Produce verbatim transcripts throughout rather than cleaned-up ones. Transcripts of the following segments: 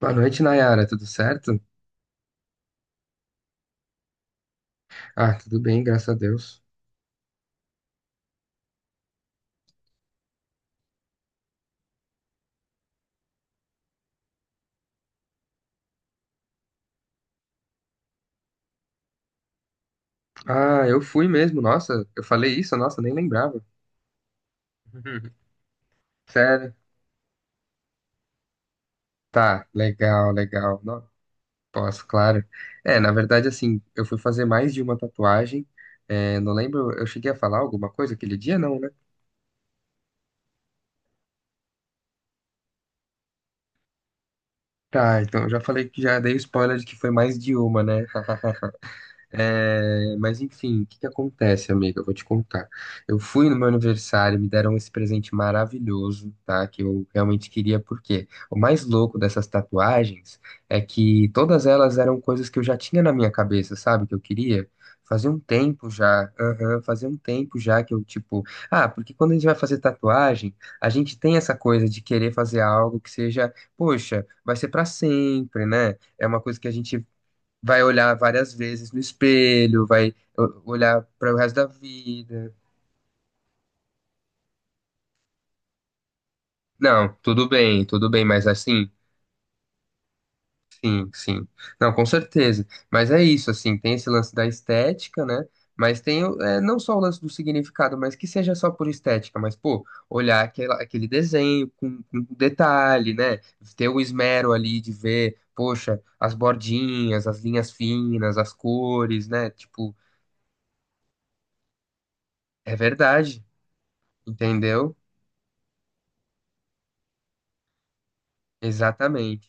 Boa noite, Nayara. Tudo certo? Ah, tudo bem, graças a Deus. Ah, eu fui mesmo. Nossa, eu falei isso? Nossa, nem lembrava. Sério? Tá, legal, legal. Não, posso, claro. É, na verdade, assim, eu fui fazer mais de uma tatuagem. É, não lembro, eu cheguei a falar alguma coisa aquele dia, não, né? Tá, então eu já falei que já dei o spoiler de que foi mais de uma, né? É, mas enfim, o que que acontece, amiga? Eu vou te contar. Eu fui no meu aniversário, me deram esse presente maravilhoso, tá? Que eu realmente queria, porque o mais louco dessas tatuagens é que todas elas eram coisas que eu já tinha na minha cabeça, sabe? Que eu queria. Fazia um tempo já, aham, fazia um tempo já que eu, tipo, ah, porque quando a gente vai fazer tatuagem, a gente tem essa coisa de querer fazer algo que seja, poxa, vai ser pra sempre, né? É uma coisa que a gente vai olhar várias vezes no espelho, vai o- olhar para o resto da vida. Não, tudo bem, tudo bem, mas assim, sim, sim. Não, com certeza. Mas é isso, assim, tem esse lance da estética, né? Mas tem o- é, não só o lance do significado, mas que seja só por estética, mas, pô, olhar aquela, aquele desenho com com detalhe, né? Ter o esmero ali de ver, poxa, as bordinhas, as linhas finas, as cores, né? Tipo, é verdade, entendeu? Exatamente.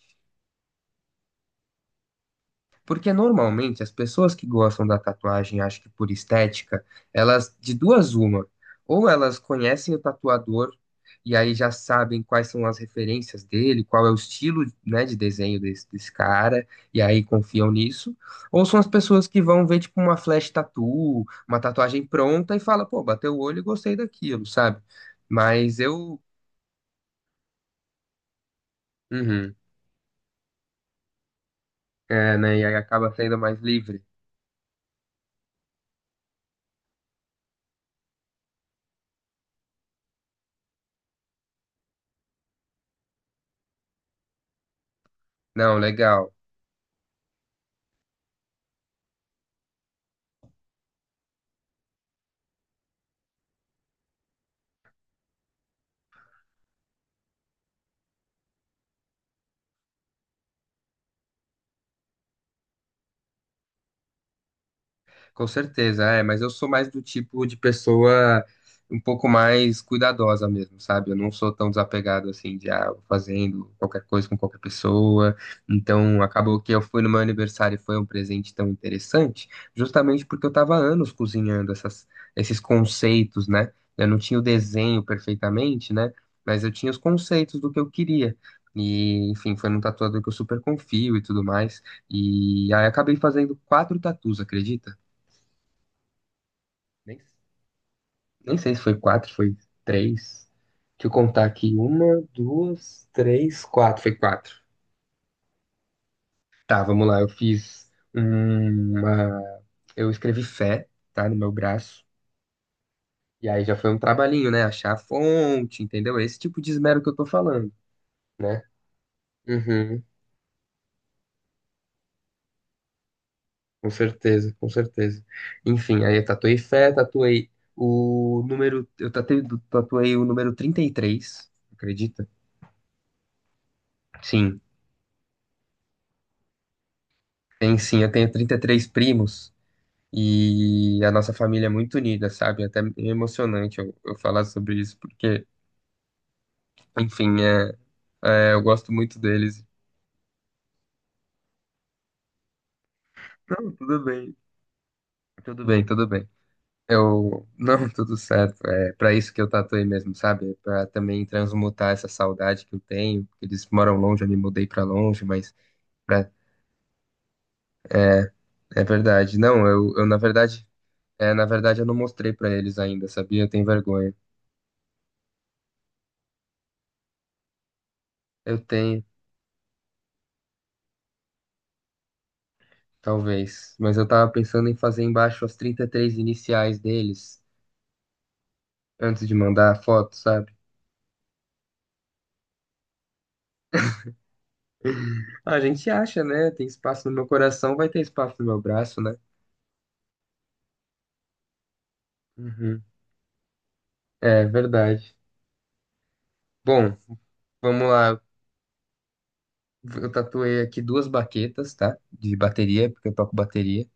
Porque normalmente as pessoas que gostam da tatuagem, acho que por estética, elas de duas uma, ou elas conhecem o tatuador e aí já sabem quais são as referências dele, qual é o estilo, né, de desenho desse, desse cara, e aí confiam nisso, ou são as pessoas que vão ver tipo uma flash tattoo, uma tatuagem pronta e fala, pô, bateu o olho e gostei daquilo, sabe? Mas eu, uhum, é, né, e aí acaba sendo mais livre. Não, legal. Com certeza, é, mas eu sou mais do tipo de pessoa um pouco mais cuidadosa mesmo, sabe? Eu não sou tão desapegado assim de ah, vou fazendo qualquer coisa com qualquer pessoa. Então, acabou que eu fui no meu aniversário e foi um presente tão interessante, justamente porque eu tava há anos cozinhando essas, esses conceitos, né? Eu não tinha o desenho perfeitamente, né? Mas eu tinha os conceitos do que eu queria. E, enfim, foi num tatuador que eu super confio e tudo mais. E aí acabei fazendo quatro tatus, acredita? Nem, nem sei se foi quatro, foi três. Deixa eu contar aqui. Uma, duas, três, quatro. Foi quatro. Tá, vamos lá. Eu fiz uma. Eu escrevi fé, tá, no meu braço. E aí já foi um trabalhinho, né? Achar a fonte, entendeu? Esse tipo de esmero que eu tô falando, né? Uhum, com certeza, com certeza. Enfim, aí eu tatuei fé, tatuei o número. Eu tatuei, tatuei o número trinta e três, acredita? Sim, tem sim. Eu tenho trinta e três primos. E a nossa família é muito unida, sabe? Até é emocionante eu, eu falar sobre isso, porque, enfim, é, é, eu gosto muito deles. Não, tudo bem, tudo bem, tudo bem. Eu, não, tudo certo. É para isso que eu tatuei mesmo, sabe? Para também transmutar essa saudade que eu tenho, porque eles moram longe, eu me mudei para longe, mas pra- é, é verdade. Não, eu, eu na verdade, é, na verdade eu não mostrei para eles ainda, sabia? Eu tenho vergonha. Eu tenho. Talvez. Mas eu tava pensando em fazer embaixo as trinta e três iniciais deles, antes de mandar a foto, sabe? A gente acha, né? Tem espaço no meu coração, vai ter espaço no meu braço, né? Uhum. É verdade. Bom, vamos lá. Eu tatuei aqui duas baquetas, tá? De bateria, porque eu toco bateria.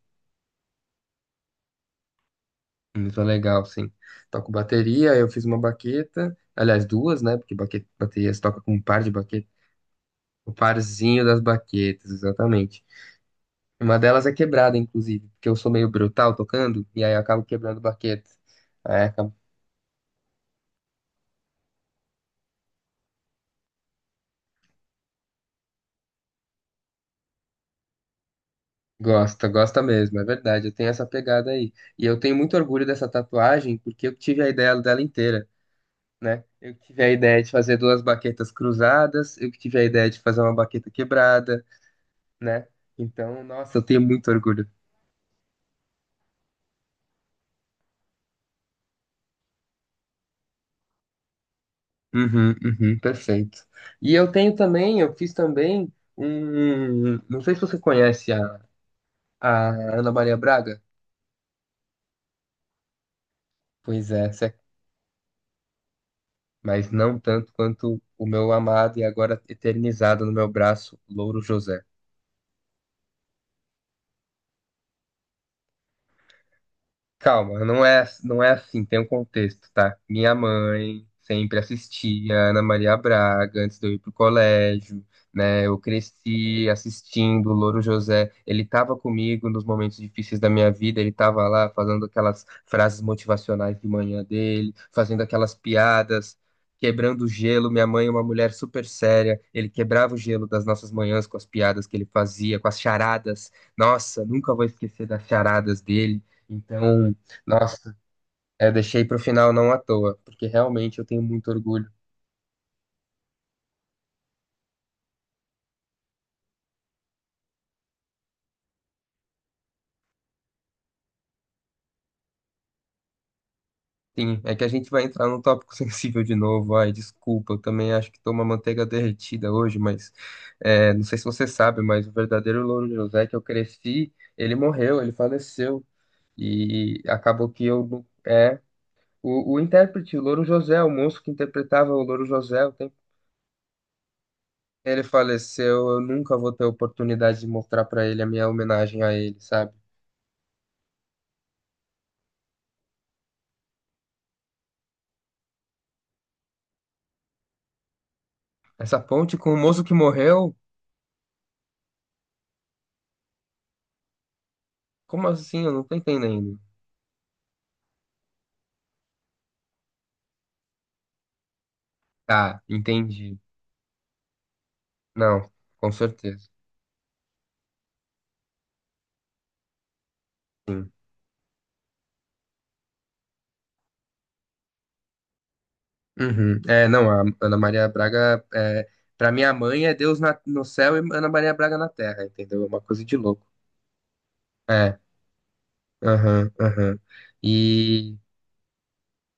Muito legal, sim. Toco bateria, eu fiz uma baqueta. Aliás, duas, né? Porque baque- bateria se toca com um par de baquetas. O parzinho das baquetas, exatamente. Uma delas é quebrada, inclusive, porque eu sou meio brutal tocando, e aí eu acabo quebrando baqueta. Aí acabo... Gosta, gosta mesmo, é verdade, eu tenho essa pegada aí. E eu tenho muito orgulho dessa tatuagem, porque eu que tive a ideia dela inteira, né? Eu que tive a ideia de fazer duas baquetas cruzadas, eu que tive a ideia de fazer uma baqueta quebrada, né? Então, nossa, eu tenho muito orgulho. Uhum, uhum, perfeito. E eu tenho também, eu fiz também um... Não sei se você conhece a, a Ana Maria Braga. Pois é, você mas não tanto quanto o meu amado e agora eternizado no meu braço, Louro José. Calma, não é, não é assim, tem um contexto, tá? Minha mãe sempre assistia Ana Maria Braga antes de eu ir pro colégio, né? Eu cresci assistindo o Louro José, ele tava comigo nos momentos difíceis da minha vida, ele tava lá fazendo aquelas frases motivacionais de manhã dele, fazendo aquelas piadas, quebrando o gelo. Minha mãe é uma mulher super séria, ele quebrava o gelo das nossas manhãs com as piadas que ele fazia, com as charadas. Nossa, nunca vou esquecer das charadas dele. Então, nossa, é deixei pro final não à toa, porque realmente eu tenho muito orgulho. Sim, é que a gente vai entrar num tópico sensível de novo. Ai, desculpa, eu também acho que tô uma manteiga derretida hoje, mas é, não sei se você sabe, mas o verdadeiro Louro José que eu cresci, ele morreu, ele faleceu. E acabou que eu. Não- é, o, o intérprete, o Louro José, o moço que interpretava o Louro José, o tempo, ele faleceu, eu nunca vou ter oportunidade de mostrar pra ele a minha homenagem a ele, sabe? Essa ponte com o moço que morreu. Como assim? Eu não tô entendendo. Tá, entendi. Não, com certeza. Sim. Uhum. É, não, a Ana Maria Braga, é, pra minha mãe é Deus na- no céu e Ana Maria Braga na terra, entendeu? É uma coisa de louco. É, aham, aham. E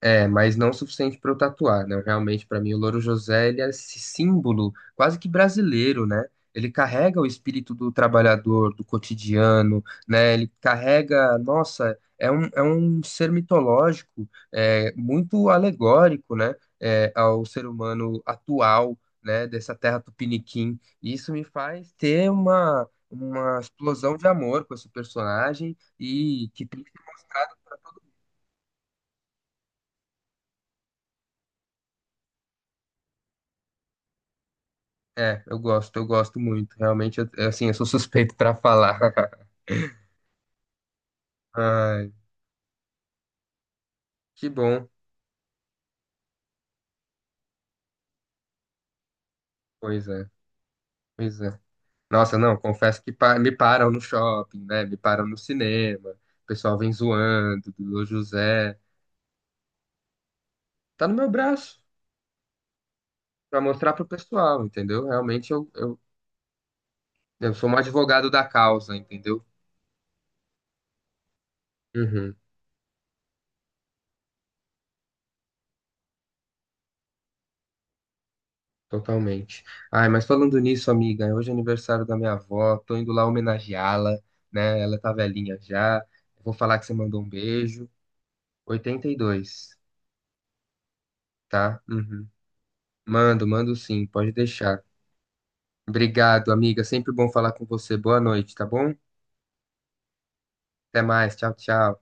É, mas não o suficiente para eu tatuar, né? Realmente, para mim, o Louro José, ele é esse símbolo quase que brasileiro, né? Ele carrega o espírito do trabalhador, do cotidiano, né? Ele carrega, nossa, é um, é um ser mitológico, é, muito alegórico, né? É, ao ser humano atual, né? Dessa terra tupiniquim. E isso me faz ter uma, uma explosão de amor com esse personagem e que tem que ser... É, eu gosto, eu gosto muito. Realmente, eu- eu, assim, eu sou suspeito pra falar. Ai, que bom. Pois é, pois é. Nossa, não, confesso que pa- me param no shopping, né? Me param no cinema. O pessoal vem zoando, do José. Tá no meu braço pra mostrar pro pessoal, entendeu? Realmente eu, eu, eu sou um advogado da causa, entendeu? Uhum. Totalmente. Ai, mas falando nisso, amiga, hoje é aniversário da minha avó, tô indo lá homenageá-la, né? Ela tá velhinha já. Vou falar que você mandou um beijo. oitenta e dois, tá? Uhum. Mando, mando sim, pode deixar. Obrigado, amiga. Sempre bom falar com você. Boa noite, tá bom? Até mais. Tchau, tchau.